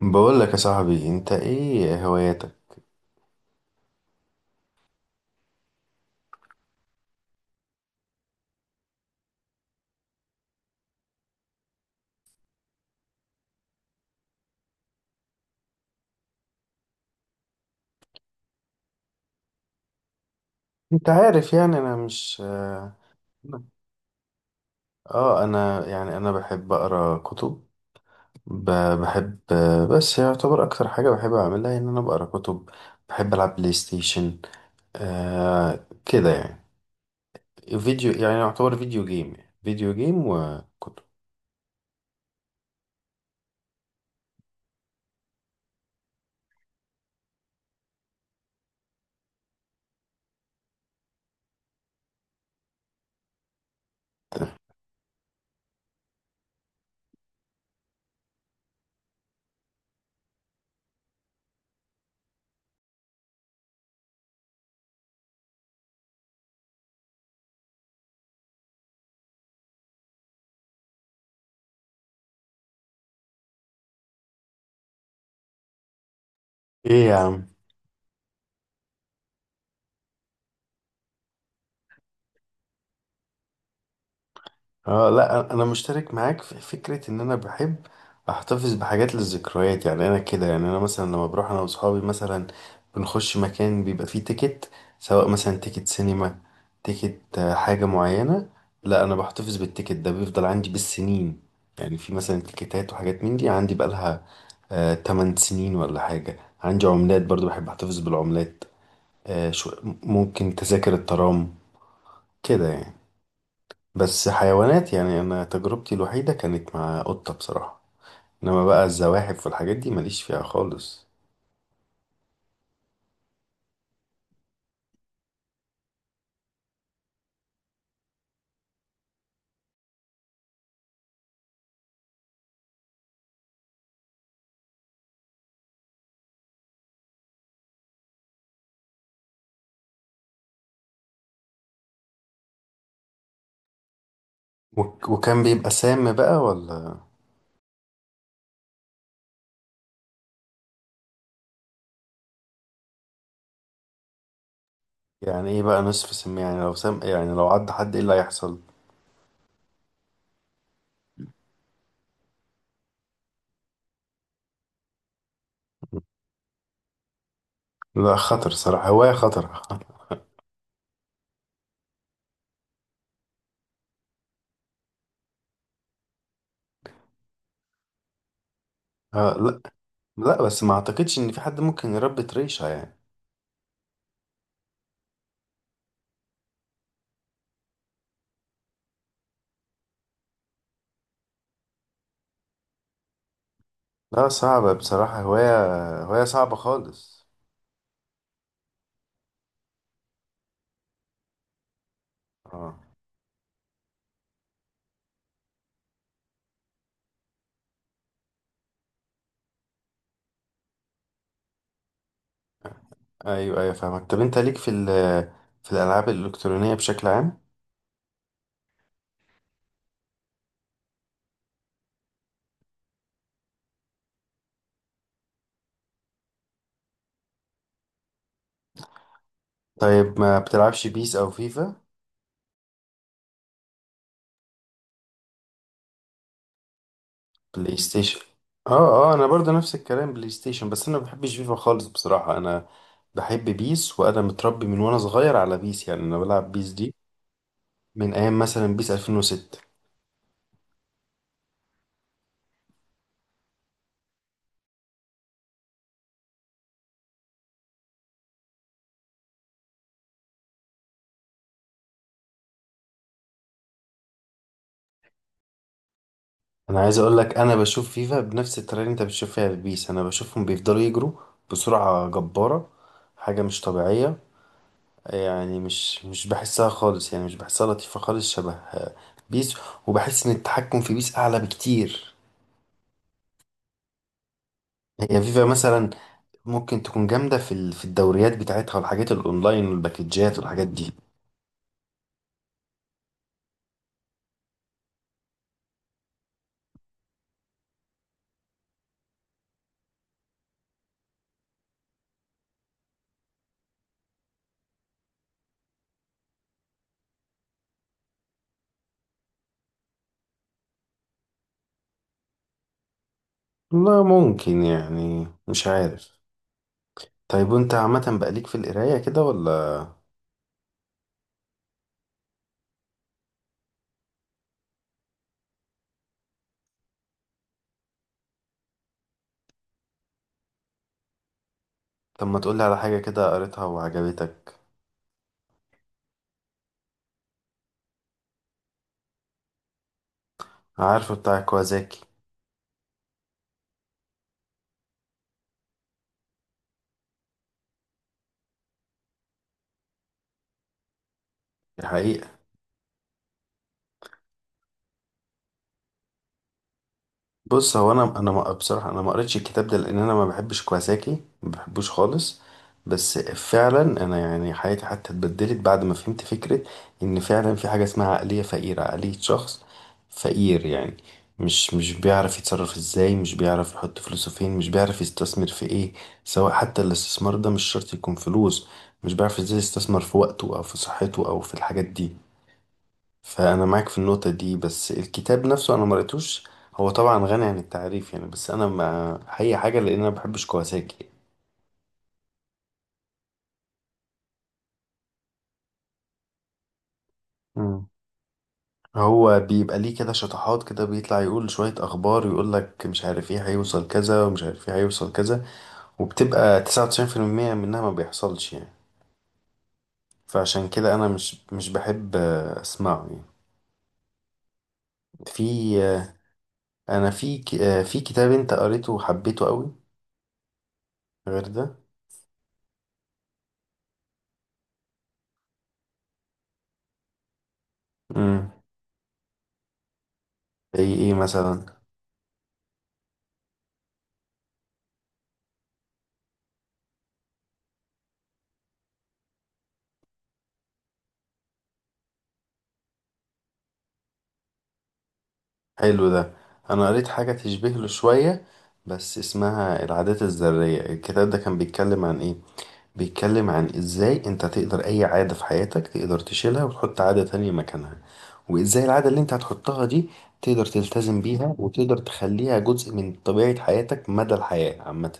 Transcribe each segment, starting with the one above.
بقول لك يا صاحبي، انت ايه هواياتك؟ انت عارف يعني انا مش انا يعني بحب اقرا كتب. ب- بحب، بس يعتبر اكتر حاجه بحب اعملها ان انا بقرا كتب. بحب العب بلاي ستيشن، آه كده يعني. فيديو يعني يعتبر فيديو جيم يعني، فيديو جيم وكتب. ايه يا عم؟ اه لا، انا مشترك معاك في فكره ان انا بحب احتفظ بحاجات للذكريات. يعني انا كده يعني انا مثلا لما بروح انا واصحابي مثلا بنخش مكان بيبقى فيه تيكت، سواء مثلا تيكت سينما، تيكت حاجه معينه. لا، انا بحتفظ بالتيكت ده، بيفضل عندي بالسنين. يعني في مثلا تيكتات وحاجات من دي عندي بقالها 8 سنين ولا حاجه. عندي عملات برضو، بحب احتفظ بالعملات. آه شو، ممكن تذاكر الترام كده يعني. بس حيوانات يعني انا تجربتي الوحيده كانت مع قطه بصراحه، انما بقى الزواحف والحاجات دي ماليش فيها خالص. وكان بيبقى سام بقى ولا؟ يعني ايه بقى نصف سم؟ يعني لو سام يعني لو عض حد ايه اللي هيحصل؟ لا، خطر صراحه، هوايه خطر. آه لا، لا بس ما اعتقدش ان في حد ممكن يربي طريشه يعني. لا صعبه بصراحه، هوايه صعبه خالص. اه ايوه ايوه فاهمك. طب انت ليك في في الالعاب الالكترونيه بشكل عام؟ طيب ما بتلعبش بيس او فيفا؟ بلاي ستيشن؟ اه اه، انا برضه نفس الكلام، بلاي ستيشن. بس انا ما بحبش فيفا خالص بصراحة. انا بحب بيس وانا متربي من وانا صغير على بيس. يعني انا بلعب بيس دي من ايام مثلا بيس 2006. انا عايز اقول لك انا بشوف فيفا بنفس الطريقة اللي انت بتشوف فيها في بيس. انا بشوفهم بيفضلوا يجروا بسرعة جبارة، حاجة مش طبيعية. يعني مش بحسها خالص، يعني مش بحسها لطيفة خالص، شبه بيس. وبحس ان التحكم في بيس اعلى بكتير. هي فيفا مثلا ممكن تكون جامدة في في الدوريات بتاعتها والحاجات الأونلاين والباكجات والحاجات دي. لا ممكن، يعني مش عارف. طيب وانت عامة بقى ليك في القراية كده ولا؟ طب ما تقولي على حاجة كده قريتها وعجبتك. عارفه بتاع كوازاكي. الحقيقة بص، هو انا بصراحه انا ما قريتش الكتاب ده لان انا ما بحبش كواساكي، ما بحبوش خالص. بس فعلا انا يعني حياتي حتى اتبدلت بعد ما فهمت فكره ان فعلا في حاجه اسمها عقليه فقيره، عقليه شخص فقير يعني. مش بيعرف يتصرف ازاي، مش بيعرف يحط فلوسه فين، مش بيعرف يستثمر في ايه، سواء حتى الاستثمار ده مش شرط يكون فلوس. مش بيعرف ازاي يستثمر في وقته او في صحته او في الحاجات دي. فانا معاك في النقطه دي، بس الكتاب نفسه انا ما قريتوش. هو طبعا غني عن التعريف يعني، بس انا ما هي حاجه لان انا ما بحبش كواساكي. مم. هو بيبقى ليه كده شطحات، كده بيطلع يقول شويه اخبار، يقول لك مش عارف ايه هيوصل كذا ومش عارف ايه هيوصل كذا، وبتبقى 99% منها ما بيحصلش يعني. فعشان كده انا مش بحب اسمعه يعني. في آه، انا في في كتاب انت قريته وحبيته قوي غير ده؟ امم، زي ايه مثلا؟ حلو ده. انا قريت حاجة تشبه له شوية بس اسمها العادات الذرية. الكتاب ده كان بيتكلم عن ايه؟ بيتكلم عن ازاي انت تقدر اي عادة في حياتك تقدر تشيلها وتحط عادة تانية مكانها، وازاي العادة اللي انت هتحطها دي تقدر تلتزم بيها وتقدر تخليها جزء من طبيعة حياتك مدى الحياة عامة.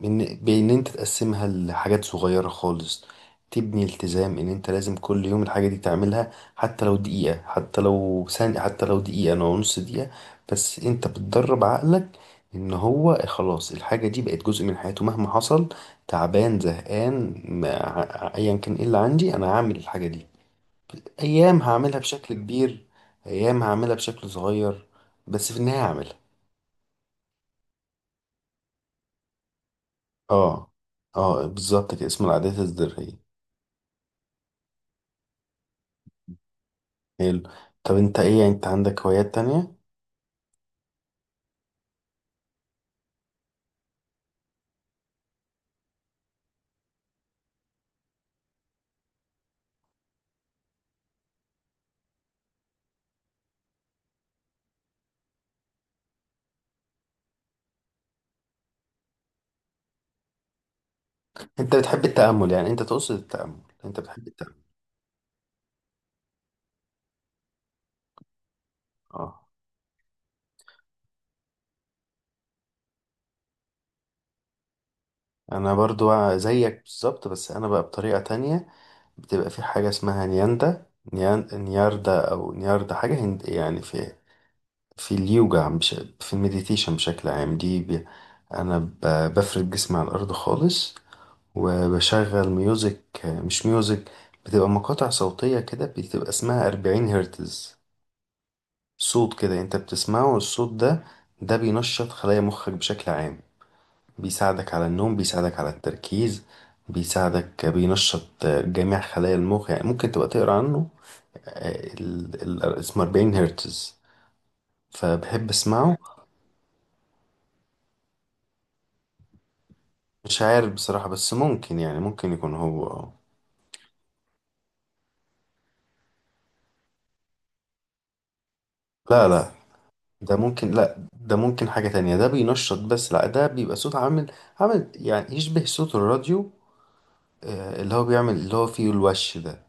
بإن أنت تقسمها لحاجات صغيرة خالص، تبني التزام إن أنت لازم كل يوم الحاجة دي تعملها، حتى لو دقيقة، حتى لو ثانية، حتى لو دقيقة أو نص دقيقة. بس أنت بتدرب عقلك إن هو خلاص الحاجة دي بقت جزء من حياته مهما حصل، تعبان، زهقان، أيا كان إيه اللي عندي، أنا هعمل الحاجة دي. أيام هعملها بشكل كبير، أيام هعملها بشكل صغير، بس في النهاية هعملها. اه اه بالظبط كده، اسمه العادات الذرية. حلو. طب انت ايه، يعني انت عندك هوايات تانية؟ انت بتحب التأمل؟ يعني انت تقصد التأمل؟ انت بتحب التأمل؟ اه، انا برضو زيك بالظبط، بس انا بقى بطريقة تانية. بتبقى في حاجة اسمها نياندا، نياردا او نياردا، حاجة هند يعني، في في اليوجا، مش في المديتيشن بشكل عام. دي بي، انا بفرد جسمي على الارض خالص، وبشغل ميوزك، مش ميوزك، بتبقى مقاطع صوتية كده، بتبقى اسمها 40 هرتز. صوت كده انت بتسمعه الصوت ده، ده بينشط خلايا مخك بشكل عام، بيساعدك على النوم، بيساعدك على التركيز، بيساعدك بينشط جميع خلايا المخ. يعني ممكن تبقى تقرا عنه، اسمه 40 هرتز، فبحب اسمعه. مش عارف بصراحة، بس ممكن يعني، ممكن يكون هو لا لا، ده ممكن، لا ده ممكن حاجة تانية. ده بينشط، بس لا، ده بيبقى صوت عامل يعني يشبه صوت الراديو، اللي هو بيعمل اللي هو فيه الوش ده.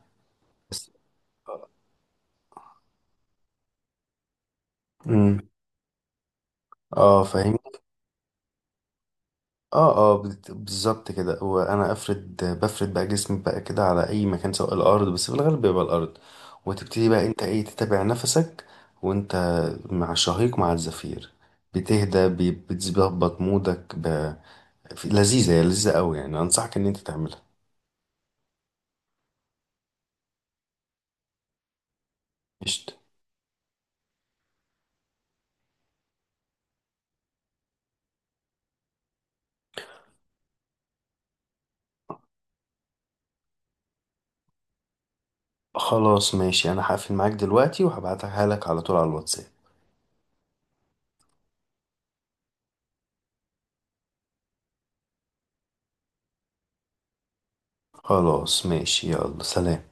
بس مم. اه فاهمني. اه اه بالظبط كده، وانا افرد بقى جسمي بقى كده على اي مكان، سواء الارض، بس في الغالب بيبقى الارض. وتبتدي بقى انت ايه تتابع نفسك، وانت مع الشهيق مع الزفير، بتهدى، بتظبط مودك لذيذة، هي لذيذة قوي يعني، انصحك ان انت تعملها. قشطة. خلاص ماشي، انا هقفل معاك دلوقتي وهبعتها لك على طول على الواتساب. خلاص ماشي، يلا سلام.